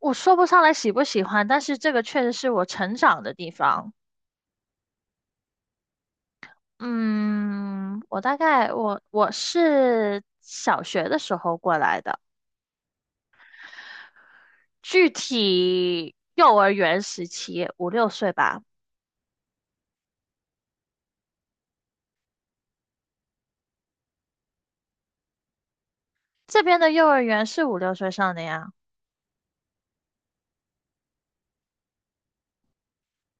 我说不上来喜不喜欢，但是这个确实是我成长的地方。嗯，我大概我是小学的时候过来的，具体幼儿园时期五六岁吧。这边的幼儿园是五六岁上的呀。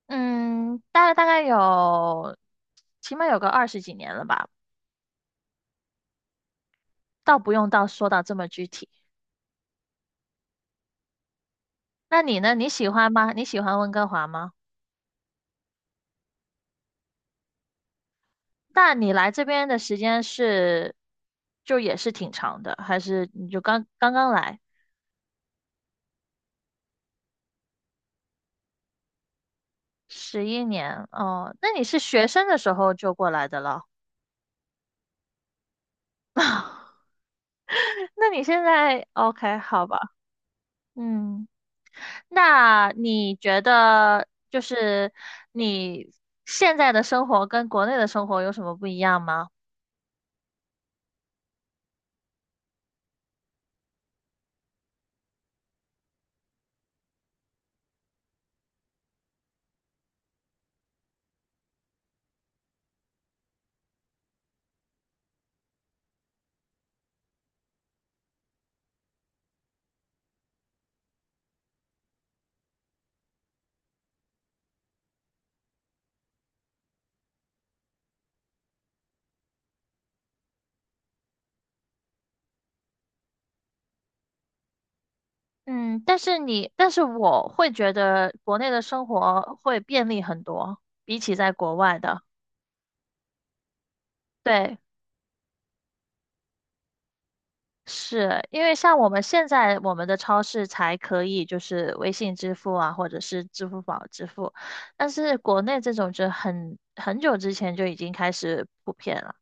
嗯，大概起码有个20几年了吧，倒不用说到这么具体。那你呢？你喜欢吗？你喜欢温哥华吗？那你来这边的时间是，就也是挺长的，还是你就刚刚来11年？哦，那你是学生的时候就过来的了？那你现在 OK 好吧？嗯，那你觉得就是你现在的生活跟国内的生活有什么不一样吗？嗯，但是我会觉得国内的生活会便利很多，比起在国外的。对。是因为像现在我们的超市才可以就是微信支付啊，或者是支付宝支付，但是国内这种就很久之前就已经开始普遍了。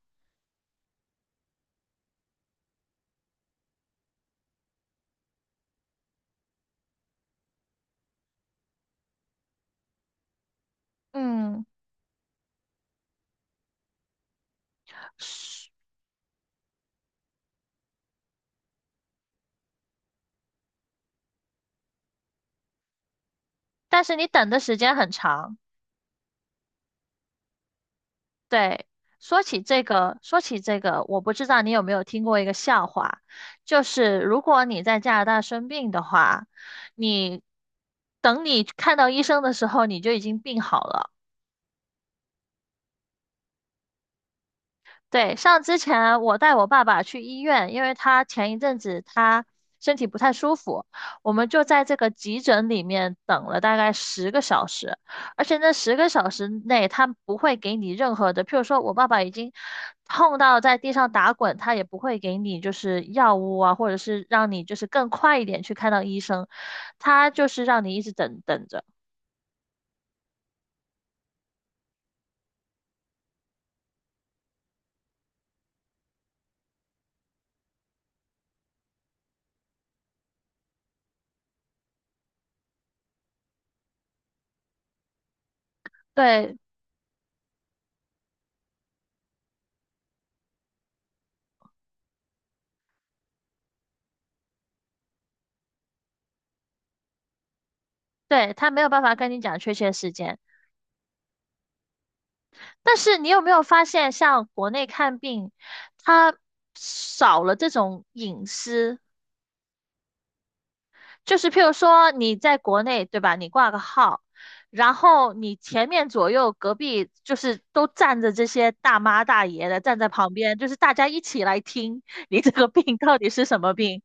嗯，是但是你等的时间很长。对，说起这个，说起这个，我不知道你有没有听过一个笑话，就是如果你在加拿大生病的话，你等你看到医生的时候，你就已经病好了。对，像之前我带我爸爸去医院，因为他前一阵子他身体不太舒服，我们就在这个急诊里面等了大概十个小时，而且那十个小时内他不会给你任何的，譬如说我爸爸已经痛到在地上打滚，他也不会给你就是药物啊，或者是让你就是更快一点去看到医生，他就是让你一直等着，对对，他没有办法跟你讲确切时间。但是你有没有发现，像国内看病，它少了这种隐私，就是譬如说你在国内，对吧？你挂个号，然后你前面左右隔壁就是都站着这些大妈大爷的，站在旁边，就是大家一起来听你这个病到底是什么病。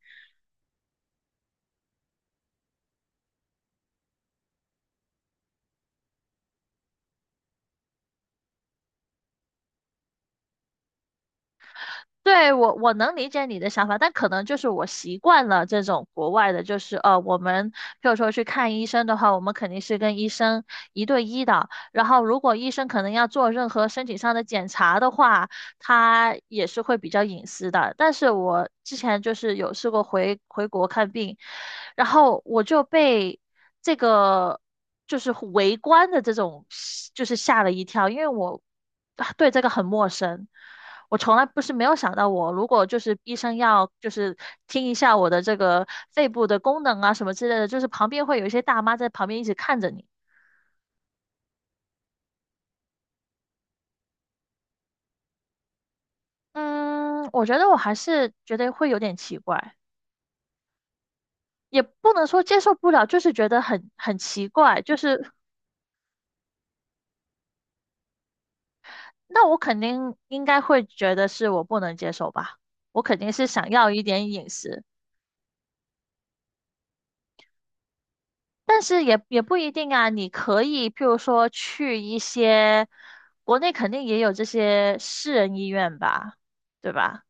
对，我能理解你的想法，但可能就是我习惯了这种国外的，就是我们譬如说去看医生的话，我们肯定是跟医生一对一的。然后，如果医生可能要做任何身体上的检查的话，他也是会比较隐私的。但是我之前就是有试过回国看病，然后我就被这个就是围观的这种就是吓了一跳，因为我啊对这个很陌生。我从来不是没有想到我，如果就是医生要就是听一下我的这个肺部的功能啊什么之类的，就是旁边会有一些大妈在旁边一直看着你。嗯，我觉得我还是觉得会有点奇怪。也不能说接受不了，就是觉得很奇怪，就是那我肯定应该会觉得是我不能接受吧，我肯定是想要一点隐私，但是也不一定啊，你可以譬如说去一些国内肯定也有这些私人医院吧，对吧？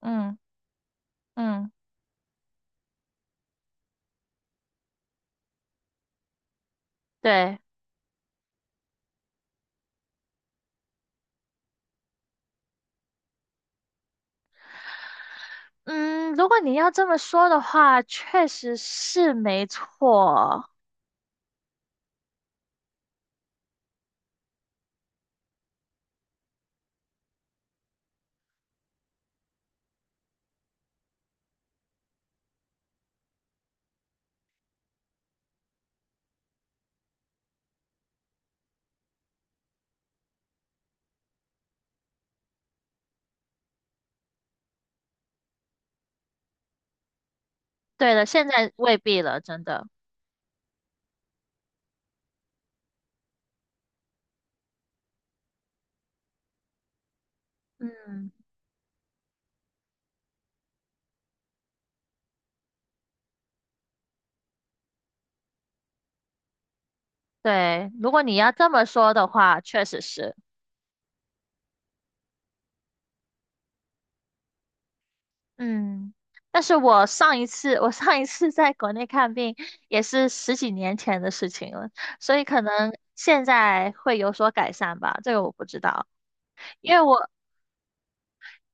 嗯嗯，对，嗯，如果你要这么说的话，确实是没错，对了，现在未必了，真的，嗯。对，如果你要这么说的话，确实是，嗯，但是我上一次在国内看病也是10几年前的事情了，所以可能现在会有所改善吧，这个我不知道，因为我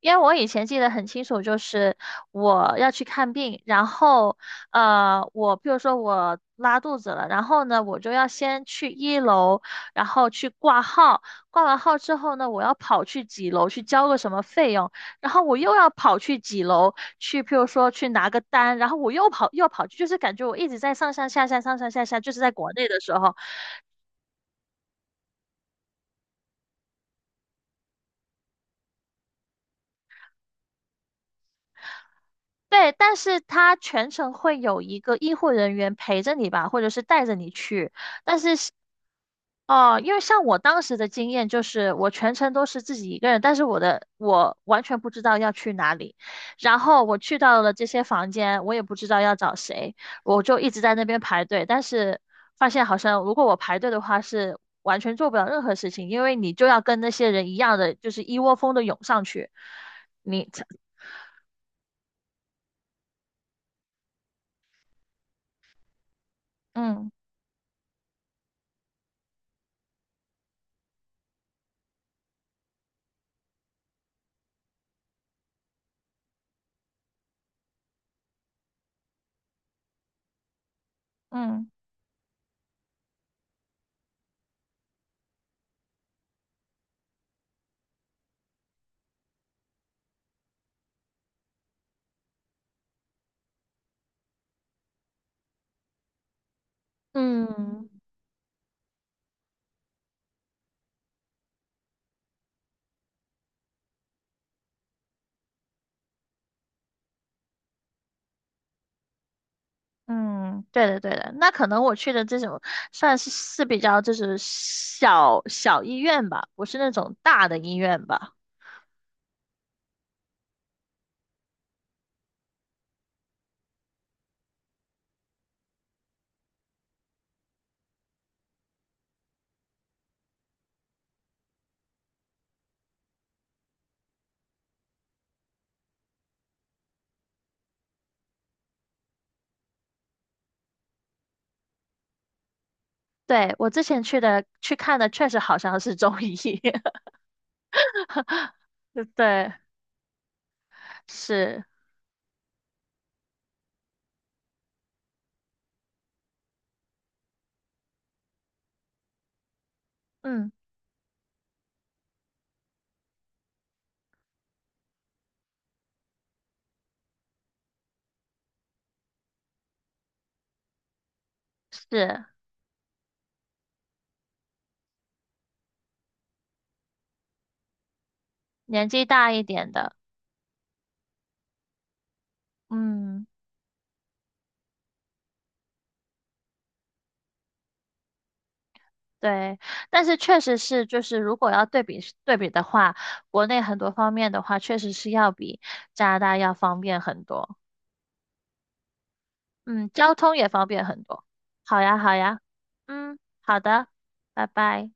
因为我以前记得很清楚，就是我要去看病，然后，我比如说我拉肚子了，然后呢，我就要先去1楼，然后去挂号，挂完号之后呢，我要跑去几楼去交个什么费用，然后我又要跑去几楼去，譬如说去拿个单，然后我又要跑去，就是感觉我一直在上上下下上上下下，就是在国内的时候，对，但是他全程会有一个医护人员陪着你吧，或者是带着你去。哦，因为像我当时的经验就是，我全程都是自己一个人，但是我完全不知道要去哪里，然后我去到了这些房间，我也不知道要找谁，我就一直在那边排队，但是发现好像如果我排队的话是完全做不了任何事情，因为你就要跟那些人一样的，就是一窝蜂的涌上去，你才嗯嗯。嗯，嗯，对的对的，那可能我去的这种算是比较就是小医院吧，不是那种大的医院吧。对，我之前去的去看的确实好像是中医，对，是，嗯，是年纪大一点的，嗯，对，但是确实是就是如果要对比对比的话，国内很多方面的话，确实是要比加拿大要方便很多。嗯，交通也方便很多。好呀，好呀，嗯，好的，拜拜。